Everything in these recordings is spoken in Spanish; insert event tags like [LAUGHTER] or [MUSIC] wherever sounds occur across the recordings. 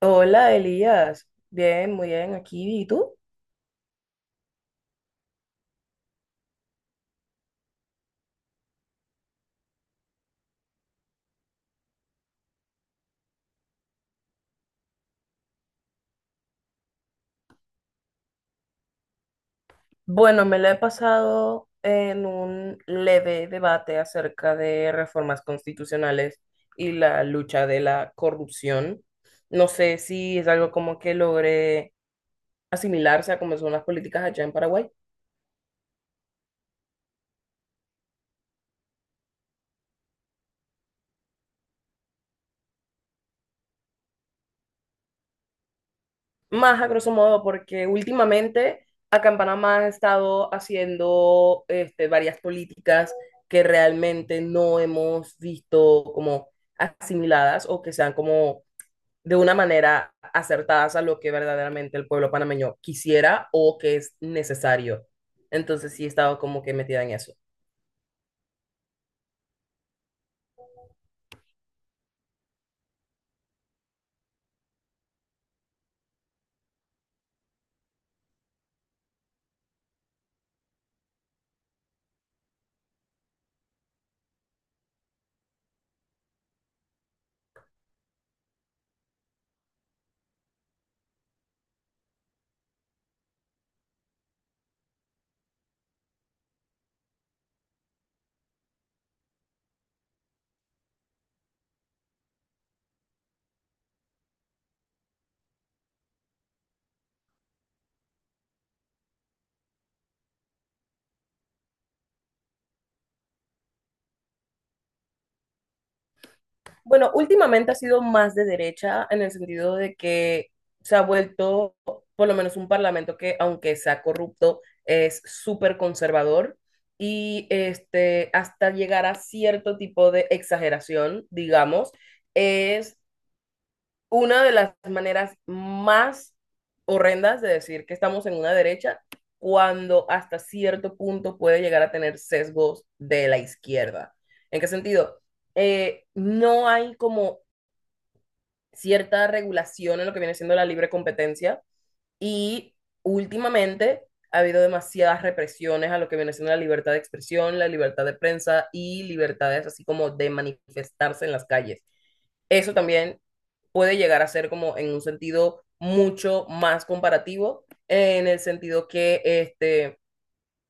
Hola Elías, bien, muy bien, aquí. ¿Y tú? Bueno, me la he pasado en un leve debate acerca de reformas constitucionales y la lucha de la corrupción. No sé si es algo como que logré asimilarse a cómo son las políticas allá en Paraguay. Más a grosso modo, porque últimamente acá en Panamá han estado haciendo varias políticas que realmente no hemos visto como asimiladas o que sean como de una manera acertadas a lo que verdaderamente el pueblo panameño quisiera o que es necesario. Entonces sí he estado como que metida en eso. Bueno, últimamente ha sido más de derecha en el sentido de que se ha vuelto por lo menos un parlamento que, aunque sea corrupto, es súper conservador y hasta llegar a cierto tipo de exageración, digamos, es una de las maneras más horrendas de decir que estamos en una derecha cuando hasta cierto punto puede llegar a tener sesgos de la izquierda. ¿En qué sentido? No hay como cierta regulación en lo que viene siendo la libre competencia y últimamente ha habido demasiadas represiones a lo que viene siendo la libertad de expresión, la libertad de prensa y libertades así como de manifestarse en las calles. Eso también puede llegar a ser como en un sentido mucho más comparativo, en el sentido que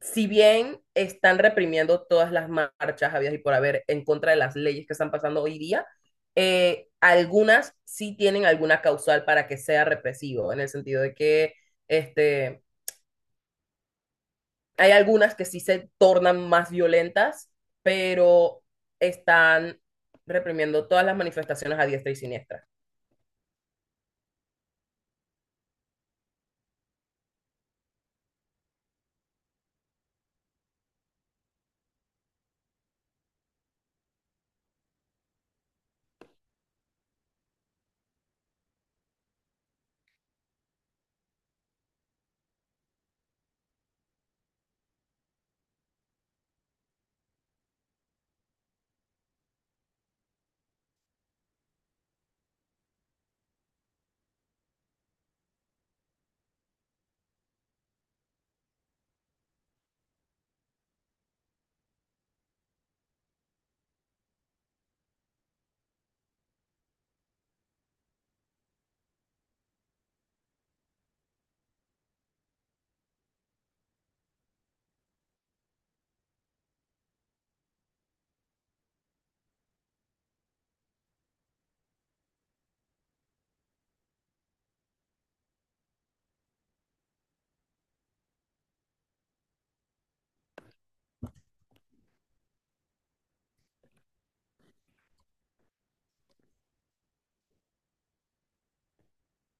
si bien están reprimiendo todas las marchas habidas y por haber en contra de las leyes que están pasando hoy día, algunas sí tienen alguna causal para que sea represivo, en el sentido de que este, hay algunas que sí se tornan más violentas, pero están reprimiendo todas las manifestaciones a diestra y siniestra.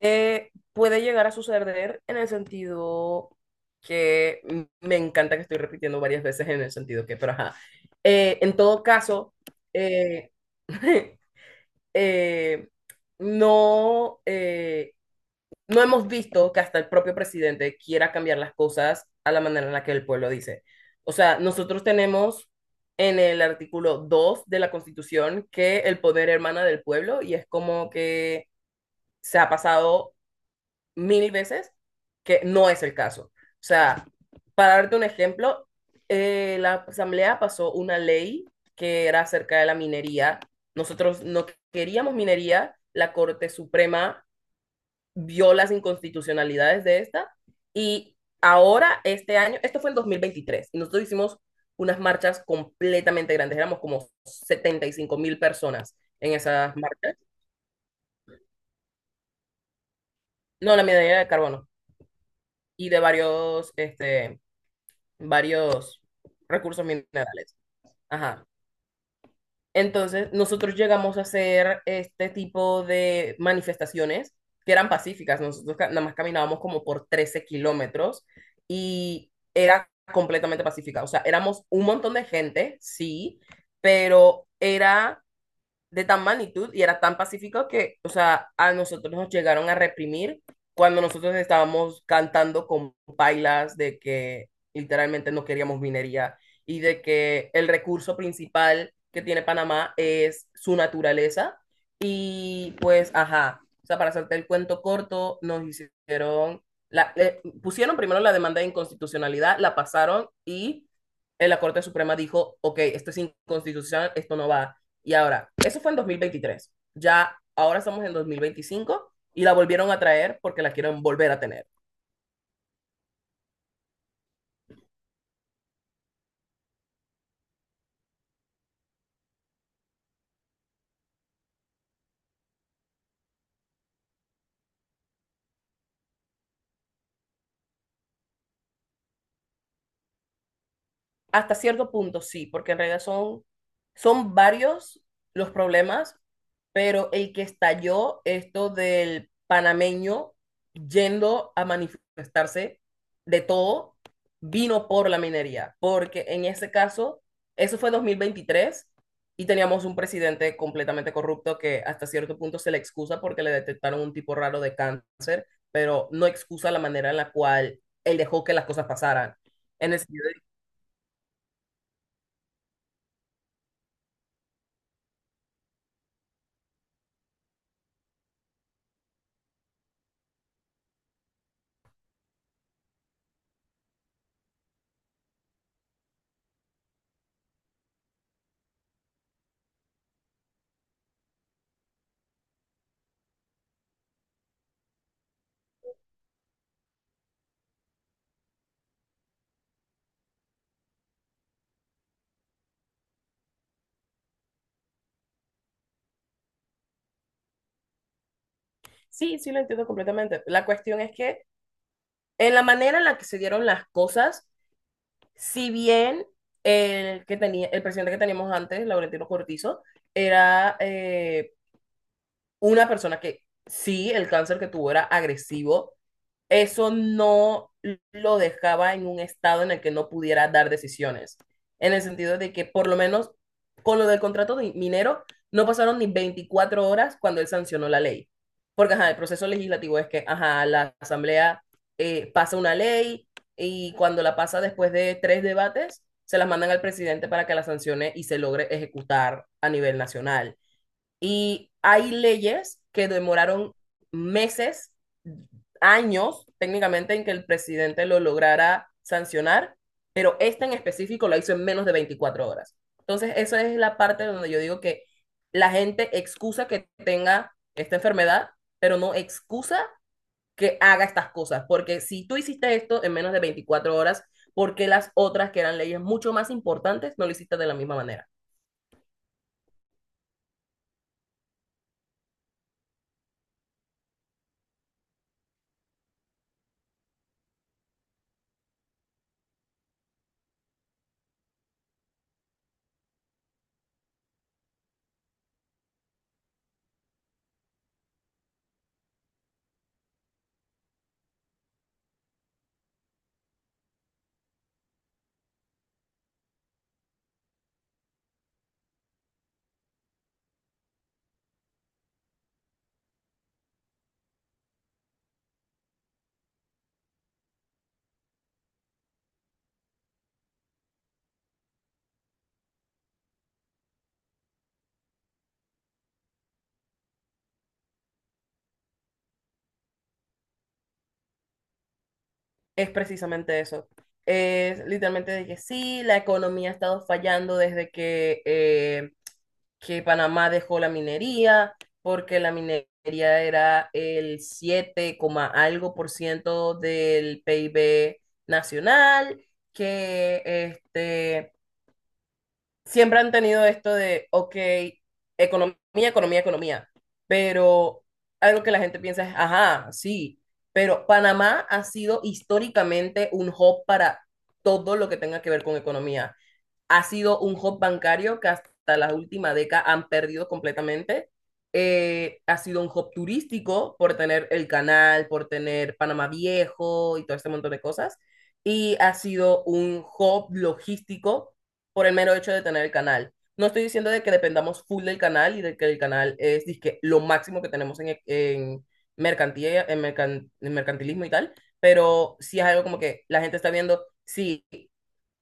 Puede llegar a suceder en el sentido que me encanta que estoy repitiendo varias veces en el sentido que, pero ajá. En todo caso, eh, [LAUGHS] eh, no, no hemos visto que hasta el propio presidente quiera cambiar las cosas a la manera en la que el pueblo dice. O sea, nosotros tenemos en el artículo 2 de la Constitución que el poder hermana del pueblo y es como que se ha pasado mil veces que no es el caso. O sea, para darte un ejemplo, la Asamblea pasó una ley que era acerca de la minería. Nosotros no queríamos minería, la Corte Suprema vio las inconstitucionalidades de esta y ahora este año, esto fue en 2023, y nosotros hicimos unas marchas completamente grandes, éramos como 75,000 personas en esas marchas. No, la minería de carbono y de varios recursos minerales. Ajá. Entonces, nosotros llegamos a hacer este tipo de manifestaciones que eran pacíficas. Nosotros nada más caminábamos como por 13 kilómetros y era completamente pacífica. O sea, éramos un montón de gente, sí, pero era de tan magnitud y era tan pacífico que, o sea, a nosotros nos llegaron a reprimir cuando nosotros estábamos cantando con pailas de que literalmente no queríamos minería y de que el recurso principal que tiene Panamá es su naturaleza y pues, ajá, o sea, para hacerte el cuento corto, nos hicieron, pusieron primero la demanda de inconstitucionalidad, la pasaron y, la Corte Suprema dijo, ok, esto es inconstitucional, esto no va. Y ahora, eso fue en 2023. Ya ahora estamos en 2025 y la volvieron a traer porque la quieren volver a tener. Hasta cierto punto sí, porque en realidad son varios los problemas, pero el que estalló esto del panameño yendo a manifestarse de todo vino por la minería, porque en ese caso, eso fue 2023 y teníamos un presidente completamente corrupto que hasta cierto punto se le excusa porque le detectaron un tipo raro de cáncer, pero no excusa la manera en la cual él dejó que las cosas pasaran. En el sentido. Sí, sí, lo entiendo completamente. La cuestión es que en la manera en la que se dieron las cosas, si bien el que tenía, el presidente que teníamos antes, Laurentino Cortizo, era una persona que sí, el cáncer que tuvo era agresivo, eso no lo dejaba en un estado en el que no pudiera dar decisiones. En el sentido de que por lo menos con lo del contrato de minero no pasaron ni 24 horas cuando él sancionó la ley. Porque ajá, el proceso legislativo es que ajá, la asamblea pasa una ley y cuando la pasa después de tres debates, se las mandan al presidente para que la sancione y se logre ejecutar a nivel nacional. Y hay leyes que demoraron meses, años técnicamente en que el presidente lo lograra sancionar, pero esta en específico la hizo en menos de 24 horas. Entonces, esa es la parte donde yo digo que la gente excusa que tenga esta enfermedad, pero no excusa que haga estas cosas, porque si tú hiciste esto en menos de 24 horas, ¿por qué las otras que eran leyes mucho más importantes no lo hiciste de la misma manera? Es precisamente eso. Es literalmente de que sí, la economía ha estado fallando desde que Panamá dejó la minería, porque la minería era el 7 coma algo por ciento del PIB nacional, que siempre han tenido esto de, ok, economía, economía, economía, pero algo que la gente piensa es, ajá, sí, pero Panamá ha sido históricamente un hub para todo lo que tenga que ver con economía ha sido un hub bancario que hasta la última década han perdido completamente. Ha sido un hub turístico por tener el canal, por tener Panamá Viejo y todo este montón de cosas. Y ha sido un hub logístico por el mero hecho de tener el canal. No estoy diciendo de que dependamos full del canal y de que el canal es dizque, lo máximo que tenemos en mercantilismo y tal, pero sí es algo como que la gente está viendo, sí,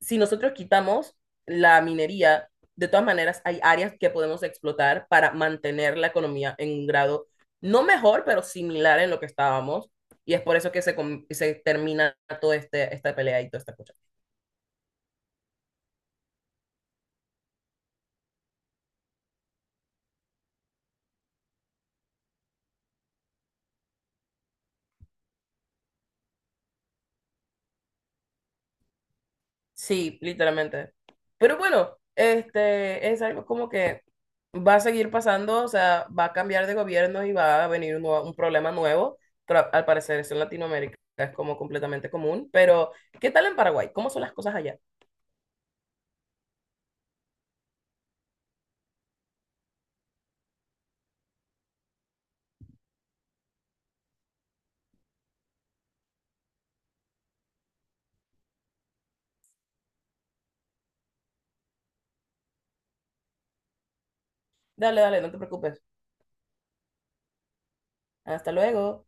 si nosotros quitamos la minería, de todas maneras hay áreas que podemos explotar para mantener la economía en un grado no mejor, pero similar en lo que estábamos. Y es por eso que se termina esta pelea y toda esta cosa. Sí, literalmente. Pero bueno, este es algo como que va a seguir pasando, o sea, va a cambiar de gobierno y va a venir un problema nuevo, pero al parecer eso en Latinoamérica es como completamente común. Pero, ¿qué tal en Paraguay? ¿Cómo son las cosas allá? Dale, dale, no te preocupes. Hasta luego.